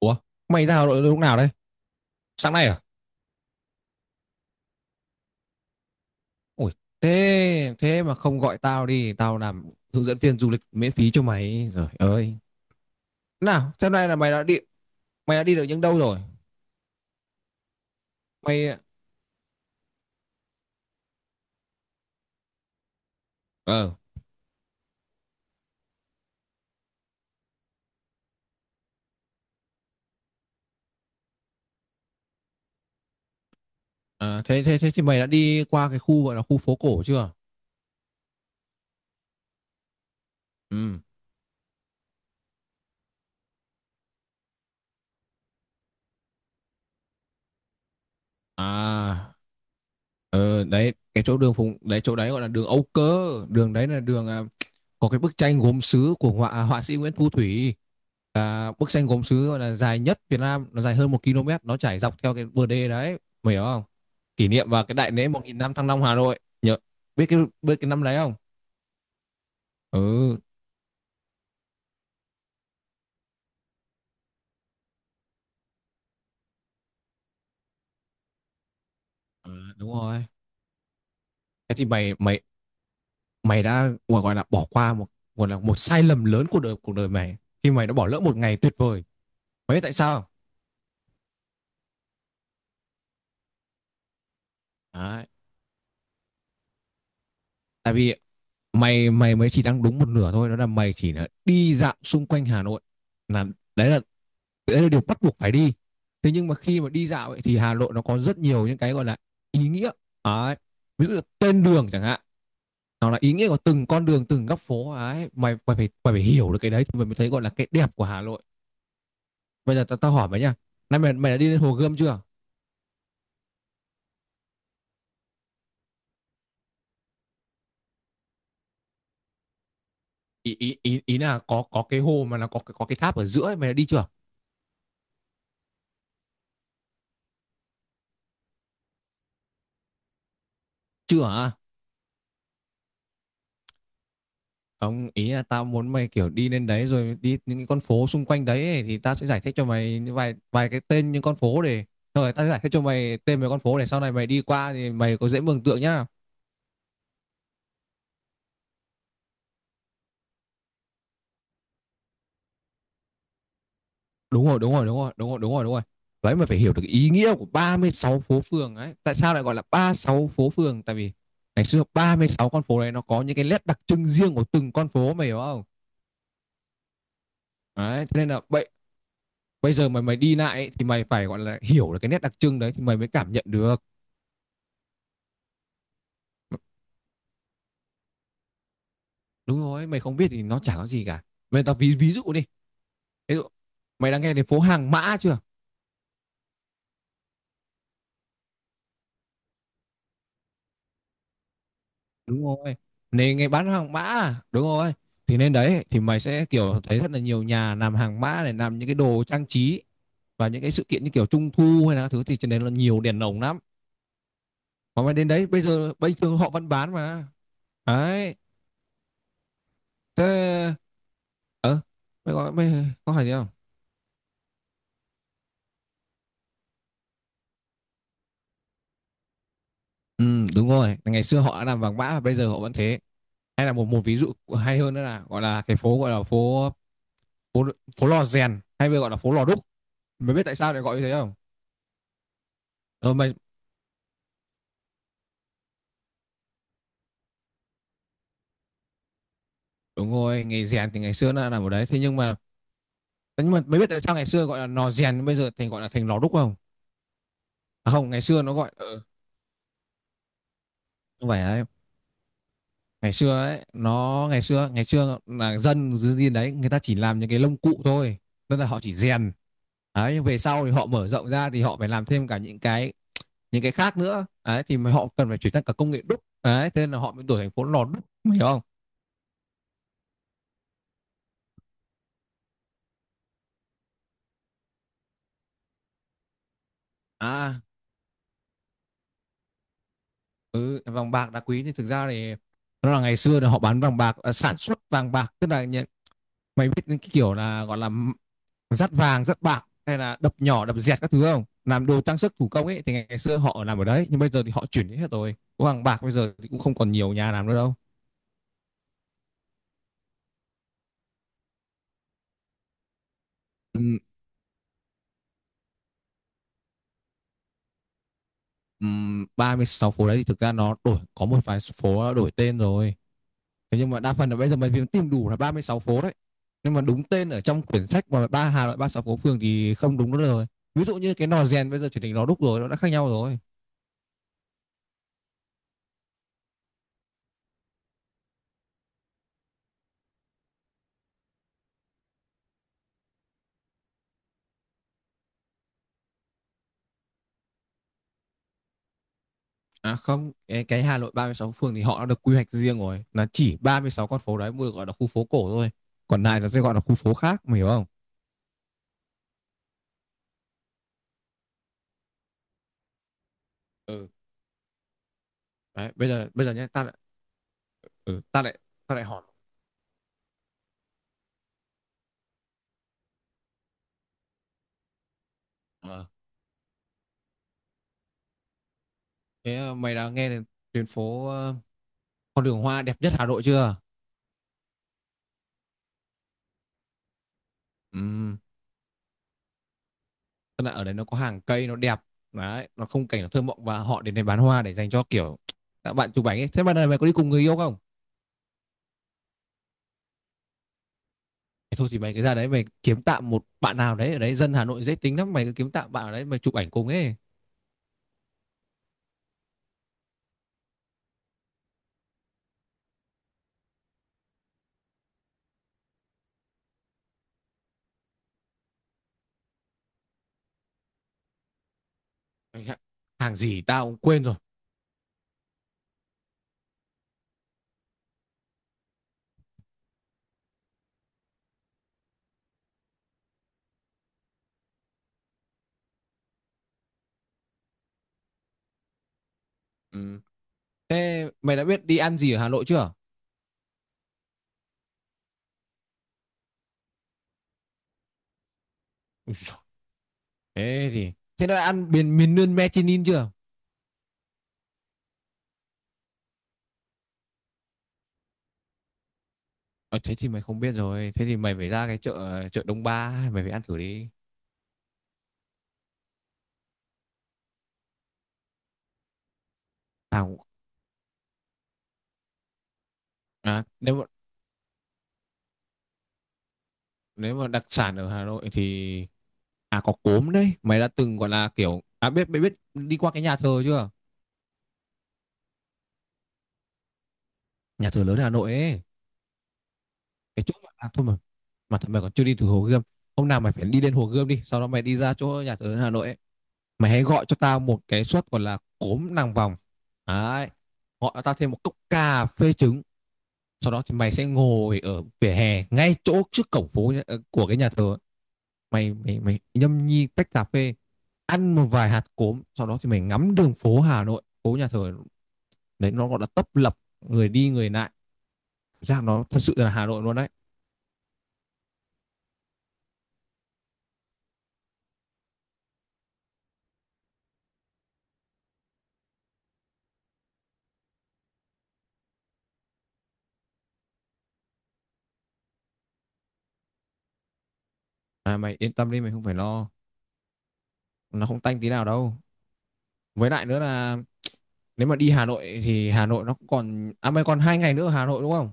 Ủa, mày ra Hà Nội lúc nào đấy? Sáng nay à? Ủa, thế thế mà không gọi tao đi, tao làm hướng dẫn viên du lịch miễn phí cho mày. Rồi ơi. Nào, thế này là mày đã đi được những đâu rồi? Mày ờ thế thế thế thì mày đã đi qua cái khu gọi là khu phố cổ chưa? Ừ. À, đấy, cái chỗ đấy chỗ đấy gọi là đường Âu Cơ, đường đấy là có cái bức tranh gốm sứ của họa sĩ Nguyễn Thu Thủy. Là bức tranh gốm sứ gọi là dài nhất Việt Nam, nó dài hơn 1 km, nó trải dọc theo cái bờ đê đấy, mày hiểu không? Kỷ niệm vào cái đại lễ 1.000 năm Thăng Long Hà Nội nhớ. Biết cái năm đấy không? ừ ờ, đúng rồi. Thế thì mày mày mày đã gọi là bỏ qua một, gọi là một sai lầm lớn của cuộc đời mày khi mày đã bỏ lỡ một ngày tuyệt vời. Mày biết tại sao không? Đấy. Tại vì mày mày mới chỉ đang đúng một nửa thôi, đó là mày chỉ là đi dạo xung quanh Hà Nội, là đấy là đấy là điều bắt buộc phải đi. Thế nhưng mà khi mà đi dạo ấy, thì Hà Nội nó có rất nhiều những cái gọi là ý nghĩa đấy. Ví dụ là tên đường chẳng hạn, hoặc là ý nghĩa của từng con đường từng góc phố ấy, mày mày phải hiểu được cái đấy thì mày mới thấy gọi là cái đẹp của Hà Nội. Bây giờ tao tao hỏi mày nha, nay mày mày đã đi lên hồ Gươm chưa? Ý ý ý ý là có cái hồ mà nó có cái tháp ở giữa ấy, mày đã đi chưa? Chưa hả? Không, ý là tao muốn mày kiểu đi lên đấy rồi đi những cái con phố xung quanh đấy ấy, thì tao sẽ giải thích cho mày những vài vài cái tên những con phố để, rồi tao sẽ giải thích cho mày tên mấy con phố để sau này mày đi qua thì mày có dễ mường tượng nhá. Đúng rồi, đúng rồi, đúng rồi, đúng rồi, đúng rồi, đúng rồi. Đấy, mày phải hiểu được ý nghĩa của 36 phố phường ấy. Tại sao lại gọi là 36 phố phường? Tại vì ngày xưa 36 con phố này nó có những cái nét đặc trưng riêng của từng con phố, mày hiểu không? Đấy, thế nên là bây bây giờ mày mày đi lại ấy, thì mày phải gọi là hiểu được cái nét đặc trưng đấy thì mày mới cảm nhận được. Đúng rồi, mày không biết thì nó chẳng có gì cả. Tao ví ví dụ đi, ví dụ mày đã nghe đến phố hàng mã chưa? Đúng rồi. Nên nghe bán hàng mã à? Đúng rồi. Thì nên đấy thì mày sẽ kiểu thấy rất là nhiều nhà làm hàng mã này, làm những cái đồ trang trí và những cái sự kiện như kiểu trung thu hay là các thứ, thì trên đấy là nhiều đèn lồng lắm mà, mày đến đấy bây giờ bình thường họ vẫn bán mà. Đấy, thế ờ mày có có hỏi gì không? Ừ, đúng rồi. Ngày xưa họ đã làm vàng mã và bây giờ họ vẫn thế. Hay là một một ví dụ hay hơn nữa là gọi là cái phố gọi là phố phố phố lò rèn hay bây gọi là phố lò đúc. Mày biết tại sao lại gọi như thế không? Ờ mày Đúng rồi, nghề rèn thì ngày xưa nó làm ở đấy. Thế nhưng mà Nhưng mà mày biết tại sao ngày xưa gọi là lò rèn bây giờ thành gọi là thành lò đúc không? À không, ngày xưa nó gọi không phải đấy. Ngày xưa ấy, ngày xưa là dân dưới điên đấy, người ta chỉ làm những cái lông cụ thôi. Tức là họ chỉ rèn. Đấy, nhưng về sau thì họ mở rộng ra thì họ phải làm thêm cả những cái khác nữa đấy, thì mà họ cần phải chuyển sang cả công nghệ đúc đấy, thế nên là họ mới đổi thành phố lò đúc, hiểu không? à ừ, Vàng bạc đá quý thì thực ra thì nó là ngày xưa là họ bán vàng bạc, sản xuất vàng bạc, tức là nhận, mày biết những cái kiểu là gọi là dắt vàng dắt bạc hay là đập nhỏ đập dẹt các thứ không, làm đồ trang sức thủ công ấy, thì ngày xưa họ làm ở đấy nhưng bây giờ thì họ chuyển đi hết rồi, có vàng bạc bây giờ thì cũng không còn nhiều nhà làm nữa đâu. Ừ, 36 phố đấy thì thực ra nó đổi, có một vài phố đổi tên rồi. Thế nhưng mà đa phần là bây giờ mình tìm đủ là 36 phố đấy. Nhưng mà đúng tên ở trong quyển sách mà Hà Nội 36 phố phường thì không đúng nữa rồi. Ví dụ như cái nò rèn bây giờ chuyển thành lò đúc rồi, nó đã khác nhau rồi. À không, cái Hà Nội 36 phường thì họ đã được quy hoạch riêng rồi. Là chỉ 36 con phố đấy mới gọi là khu phố cổ thôi. Còn này là sẽ gọi là khu phố khác, mày hiểu không? Ừ. Đấy, bây giờ nhé, ta lại ừ, ta lại ta lại hỏi. Ờ. Thế mày đã nghe đến tuyến phố, con đường hoa đẹp nhất Hà Nội chưa? Ừ. Tức là ở đấy nó có hàng cây nó đẹp đấy, nó không cảnh nó thơ mộng và họ đến đây bán hoa để dành cho kiểu các bạn chụp ảnh ấy. Thế mà này, mày có đi cùng người yêu không? Thôi thì mày cái ra đấy mày kiếm tạm một bạn nào đấy ở đấy, dân Hà Nội dễ tính lắm, mày cứ kiếm tạm bạn ở đấy mày chụp ảnh cùng ấy. Hàng gì tao cũng quên rồi. Ừ. Thế mày đã biết đi ăn gì ở Hà Nội chưa? Thế đã ăn miền miền nướng Mechinin chưa? Ờ, Thế thì mày không biết rồi, thế thì mày phải ra cái chợ chợ Đông Ba mày phải ăn thử đi. tao À, nếu mà đặc sản ở Hà Nội thì, à có cốm đấy, mày đã từng gọi là kiểu à biết biết biết đi qua cái nhà thờ chưa? Nhà thờ lớn Hà Nội ấy, cái chỗ mà à, thôi mà thật mày còn chưa đi từ Hồ Gươm. Hôm nào mày phải đi đến Hồ Gươm đi, sau đó mày đi ra chỗ nhà thờ lớn Hà Nội ấy, mày hãy gọi cho tao một cái suất gọi là cốm nàng vòng. Đấy. Gọi cho tao thêm một cốc cà phê trứng, sau đó thì mày sẽ ngồi ở vỉa hè ngay chỗ trước cổng phố, của cái nhà thờ. Mày mày Mày nhâm nhi tách cà phê, ăn một vài hạt cốm, sau đó thì mày ngắm đường phố Hà Nội, phố nhà thờ đấy, nó gọi là tấp lập người đi người lại, ra nó thật sự là Hà Nội luôn đấy. À, mày yên tâm đi, mày không phải lo, nó không tanh tí nào đâu. Với lại nữa là nếu mà đi Hà Nội thì Hà Nội nó còn à mày còn 2 ngày nữa ở Hà Nội đúng không?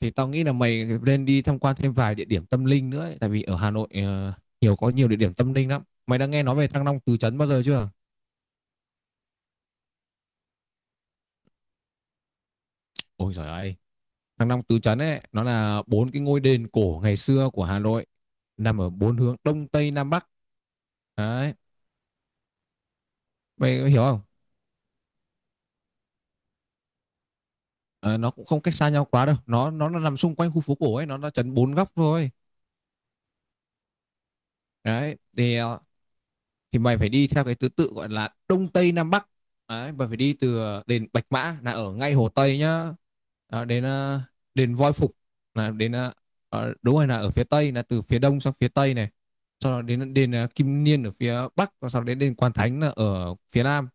Thì tao nghĩ là mày nên đi tham quan thêm vài địa điểm tâm linh nữa ấy. Tại vì ở Hà Nội, nhiều có nhiều địa điểm tâm linh lắm, mày đã nghe nói về Thăng Long Tứ Trấn bao giờ chưa? Ôi giời ơi, Thăng Long Tứ Trấn ấy nó là bốn cái ngôi đền cổ ngày xưa của Hà Nội, nằm ở bốn hướng đông tây nam bắc đấy, mày hiểu không? Ờ, nó cũng không cách xa nhau quá đâu, nó nằm xung quanh khu phố cổ ấy, nó chấn bốn góc thôi. Đấy thì thì mày phải đi theo cái thứ tự gọi là đông tây nam bắc. Đấy mày phải đi từ đền Bạch Mã là ở ngay Hồ Tây nhá. Ờ, đến đền Voi Phục là đến đúng rồi, là ở phía tây, là từ phía đông sang phía tây này, sau đó đến đền Kim Niên ở phía bắc và sau đó đến đền Quan Thánh là ở phía nam.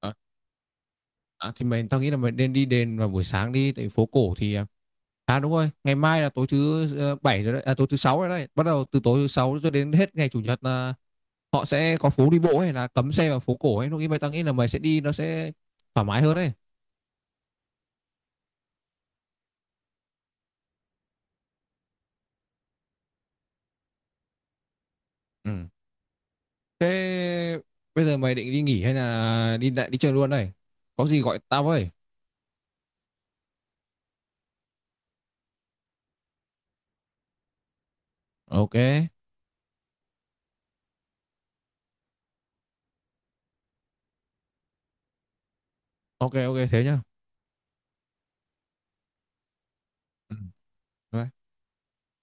Ờ, à, thì tao nghĩ là mình nên đi đền vào buổi sáng đi tại phố cổ thì à đúng rồi ngày mai là tối thứ bảy rồi đấy, à, tối thứ sáu rồi đấy, bắt đầu từ tối thứ sáu cho đến hết ngày chủ nhật là họ sẽ có phố đi bộ hay là cấm xe vào phố cổ ấy, lúc ấy mày tao nghĩ là mày sẽ đi nó sẽ thoải mái hơn đấy. Ừ. Thế bây giờ mày định đi nghỉ hay là đi lại đi chơi luôn đây? Có gì gọi tao với. Ok ok ok thế nhá. Ừ.